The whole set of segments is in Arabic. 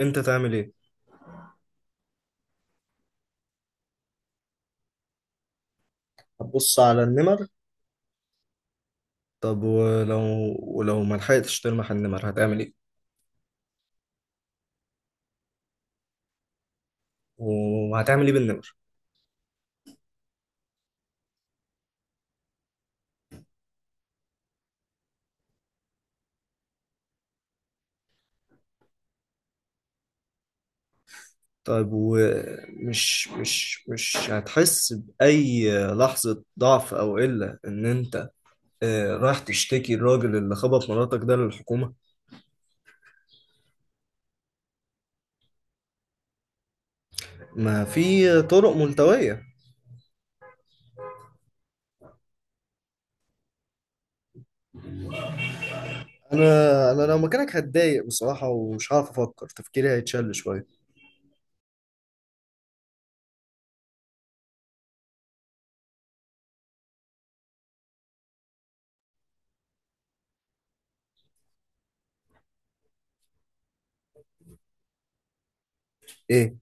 انت تعمل ايه؟ هتبص على النمر. طب ولو ما لحقتش تلمح النمر هتعمل ايه؟ وهتعمل ايه بالنمر؟ طيب، ومش مش مش هتحس بأي لحظة ضعف أو قلة إن أنت رايح تشتكي الراجل اللي خبط مراتك ده للحكومة؟ ما في طرق ملتوية. أنا لو مكانك هتضايق بصراحة، ومش هعرف أفكر، تفكيري هيتشل شوية. إيه؟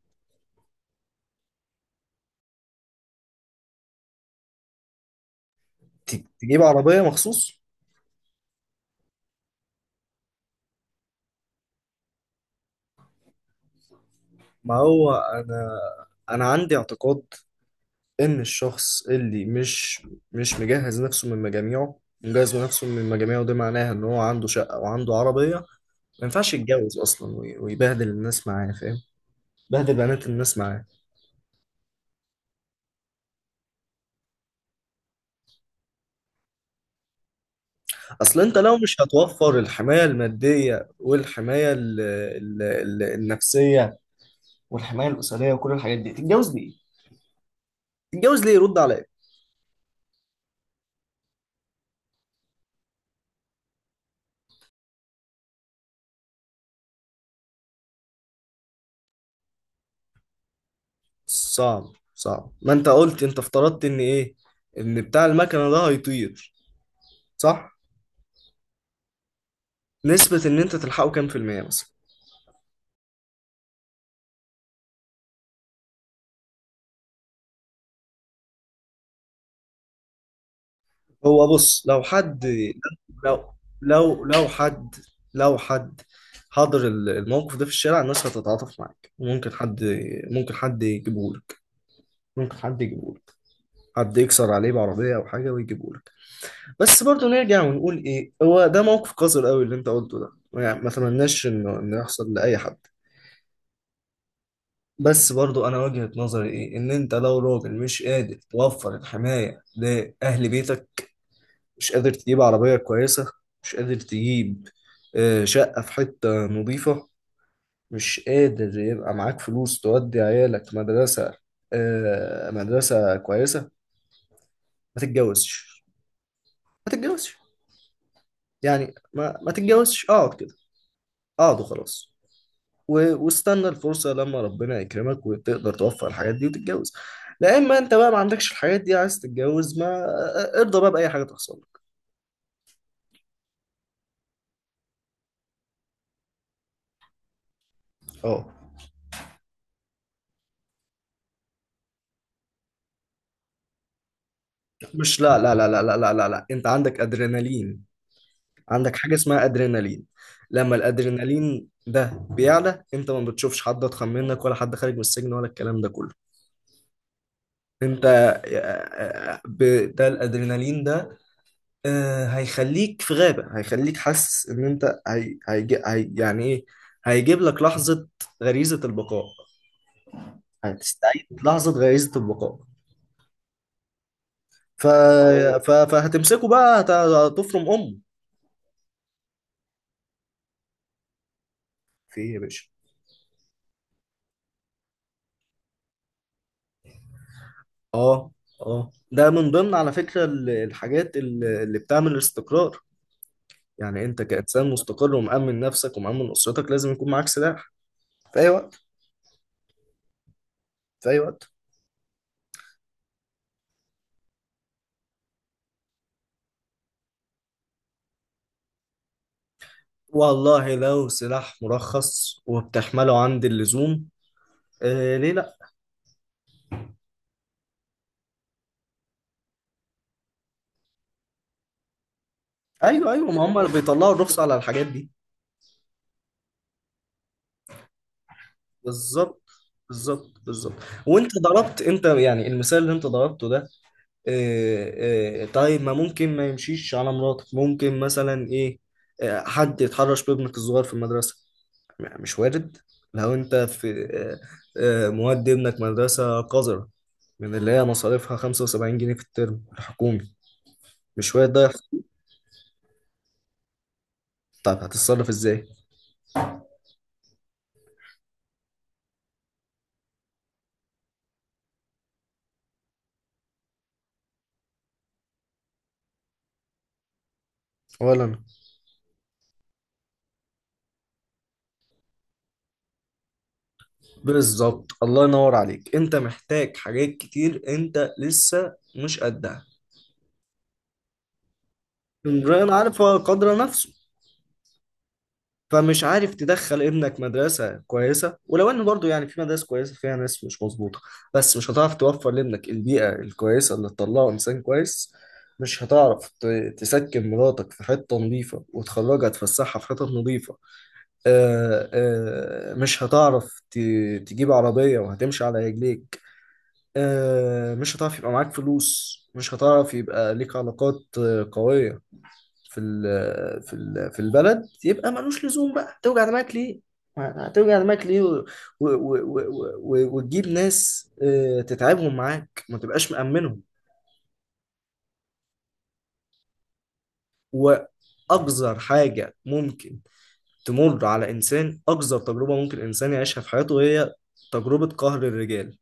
تجيب عربية مخصوص؟ ما هو أنا عندي اعتقاد ان الشخص اللي مش مجهز نفسه من مجاميعه، مجهز نفسه من مجاميعه ده معناها ان هو عنده شقة وعنده عربية. ما ينفعش يتجوز اصلا، ويبهدل الناس معاه، فاهم؟ بهدل بنات الناس معاه. اصل انت لو مش هتوفر الحماية المادية والحماية ال النفسية والحماية الأسرية وكل الحاجات دي، تتجوز ليه؟ تتجوز ليه يرد عليك. صعب. صعب. ما انت قلت، انت افترضت ان ايه؟ ان بتاع المكنة ده هيطير، صح؟ نسبة ان انت تلحقه كام في المية مثلا؟ هو بص، لو حد، لو لو حد، لو حد حضر الموقف ده في الشارع، الناس هتتعاطف معاك. ممكن حد، ممكن حد يجيبهولك، ممكن حد يجيبهولك، حد يكسر عليه بعربية أو حاجة ويجيبهولك. بس برضو نرجع ونقول إيه، هو ده موقف قذر قوي اللي أنت قلته ده، يعني ما أتمناش إنه يحصل لأي حد. بس برضو أنا وجهة نظري إيه، إن أنت لو راجل مش قادر توفر الحماية لأهل بيتك، مش قادر تجيب عربية كويسة، مش قادر تجيب شقة في حتة نظيفة، مش قادر يبقى معاك فلوس تودي عيالك مدرسة، مدرسة كويسة، ما تتجوزش، ما تتجوزش. يعني ما تتجوزش، اقعد كده، اقعد وخلاص، واستنى الفرصة لما ربنا يكرمك وتقدر توفر الحاجات دي وتتجوز. لا اما انت بقى ما عندكش الحاجات دي عايز تتجوز، ما ارضى بقى بأي حاجة تحصل لك. اه، مش، لا لا لا لا لا لا لا لا، انت عندك ادرينالين، عندك حاجة اسمها أدرينالين. لما الأدرينالين ده بيعلى، أنت ما بتشوفش حد أضخم منك ولا حد خارج من السجن ولا الكلام ده كله. أنت ده الأدرينالين ده هيخليك في غابة، هيخليك حاسس إن أنت يعني إيه، هيجيب لك لحظة غريزة البقاء، هتستعيد لحظة غريزة البقاء. ف... فهتمسكه بقى، هتفرم أمه. في إيه يا باشا؟ اه. اه، ده من ضمن على فكرة الحاجات اللي بتعمل الاستقرار. يعني انت كإنسان مستقر ومأمن نفسك ومأمن أسرتك، لازم يكون معاك سلاح في أي وقت، في أي وقت. والله لو سلاح مرخص وبتحمله عند اللزوم، آه، ليه لا؟ ايوه، ايوه، ما هم بيطلعوا الرخصة على الحاجات دي. بالظبط، بالظبط، بالظبط. وانت ضربت، انت يعني المثال اللي انت ضربته ده، طيب ما ممكن ما يمشيش على مراتك، ممكن مثلا ايه، حد يتحرش بابنك الصغير في المدرسة. مش وارد. لو انت في مودي ابنك مدرسة قذرة من اللي هي مصاريفها 75 جنيه في الترم الحكومي، مش وارد ده يحصل. طب هتتصرف ازاي؟ ولا أنا. بالظبط، الله ينور عليك، انت محتاج حاجات كتير، انت لسه مش قدها. امرئ عارف قدر نفسه. فمش عارف تدخل ابنك مدرسة كويسة، ولو ان برضو يعني في مدارس كويسة فيها ناس مش مظبوطة، بس مش هتعرف توفر لابنك البيئة الكويسة اللي تطلعه انسان كويس، مش هتعرف تسكن مراتك في حتة نظيفة وتخرجها تفسحها في حتة نظيفة، مش هتعرف تجيب عربية وهتمشي على رجليك، مش هتعرف يبقى معاك فلوس، مش هتعرف يبقى ليك علاقات قوية في البلد، يبقى ملوش لزوم بقى، توجع دماغك ليه؟ هتوجع دماغك ليه وتجيب ناس تتعبهم معاك، ما تبقاش مأمنهم. وأقذر حاجة ممكن تمر على إنسان، أقذر تجربة ممكن إنسان يعيشها في حياته هي تجربة قهر الرجال.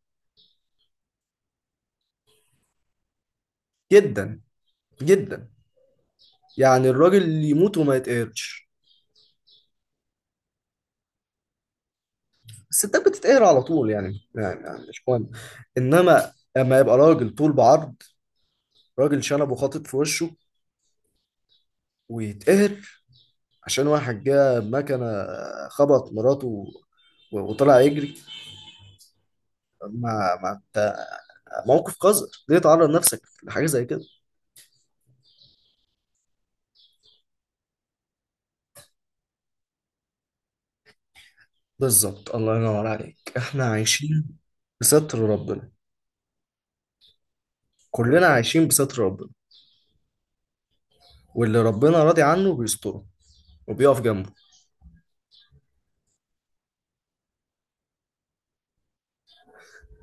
جدا، جدا. يعني الراجل يموت وما يتقهرش. الستات بتتقهر على طول، يعني مش مهم. إنما لما يبقى راجل طول بعرض، راجل شنب وخاطب في وشه، ويتقهر عشان واحد جه بمكنة خبط مراته وطلع يجري، ما انت، موقف قذر، ليه تعرض نفسك لحاجة زي كده؟ بالظبط، الله ينور عليك، احنا عايشين بستر ربنا. كلنا عايشين بستر ربنا، واللي ربنا راضي عنه بيستره وبيقف جنبه.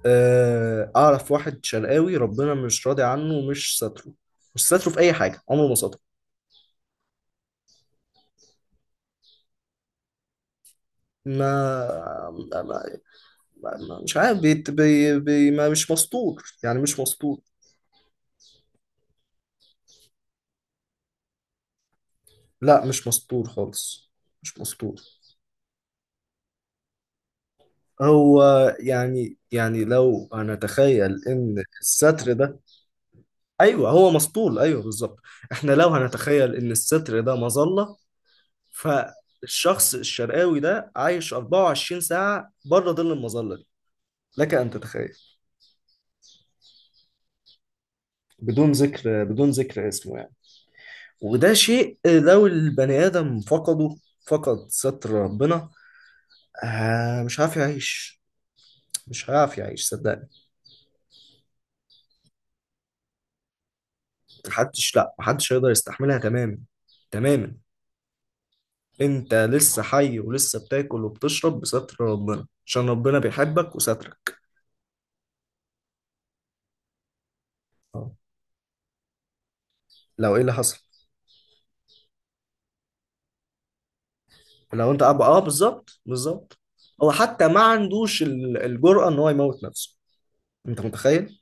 اعرف واحد شرقاوي ربنا مش راضي عنه ومش ستره، مش ستره في اي حاجة، عمره ما ستره. ما ما- مش عارف، بي بي بي ما مش مسطور، يعني مش مسطور. لا، مش مسطور خالص، مش مسطور. هو يعني لو هنتخيل ان الستر ده، ايوه هو مسطول، ايوه بالظبط. احنا لو هنتخيل ان الستر ده مظله، فالشخص الشرقاوي ده عايش 24 ساعه بره ظل المظله دي. لك ان تتخيل. بدون ذكر، بدون ذكر اسمه يعني. وده شيء لو البني ادم فقده، فقد ستر ربنا، آه، مش عارف يعيش، مش عارف يعيش صدقني. محدش، لا، محدش هيقدر يستحملها تماما، تماما. انت لسه حي ولسه بتاكل وبتشرب بستر ربنا عشان ربنا بيحبك وسترك. آه. لو ايه اللي حصل؟ لو انت اه، بالظبط، بالظبط، هو حتى ما عندوش الجرأة ان هو يموت نفسه، انت متخيل؟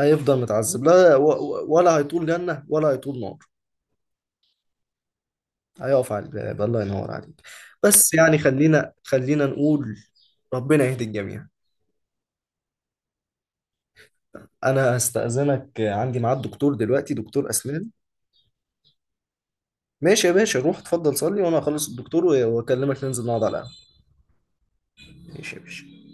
هيفضل متعذب، لا، ولا هيطول جنة ولا هيطول نار. هيقف على الباب، الله ينور عليك. بس يعني، خلينا نقول ربنا يهدي الجميع. انا هستأذنك، عندي ميعاد دكتور دلوقتي، دكتور اسنان. ماشي يا باشا، روح اتفضل صلي، وانا هخلص الدكتور واكلمك ننزل نقعد على القهوة. ماشي يا باشا.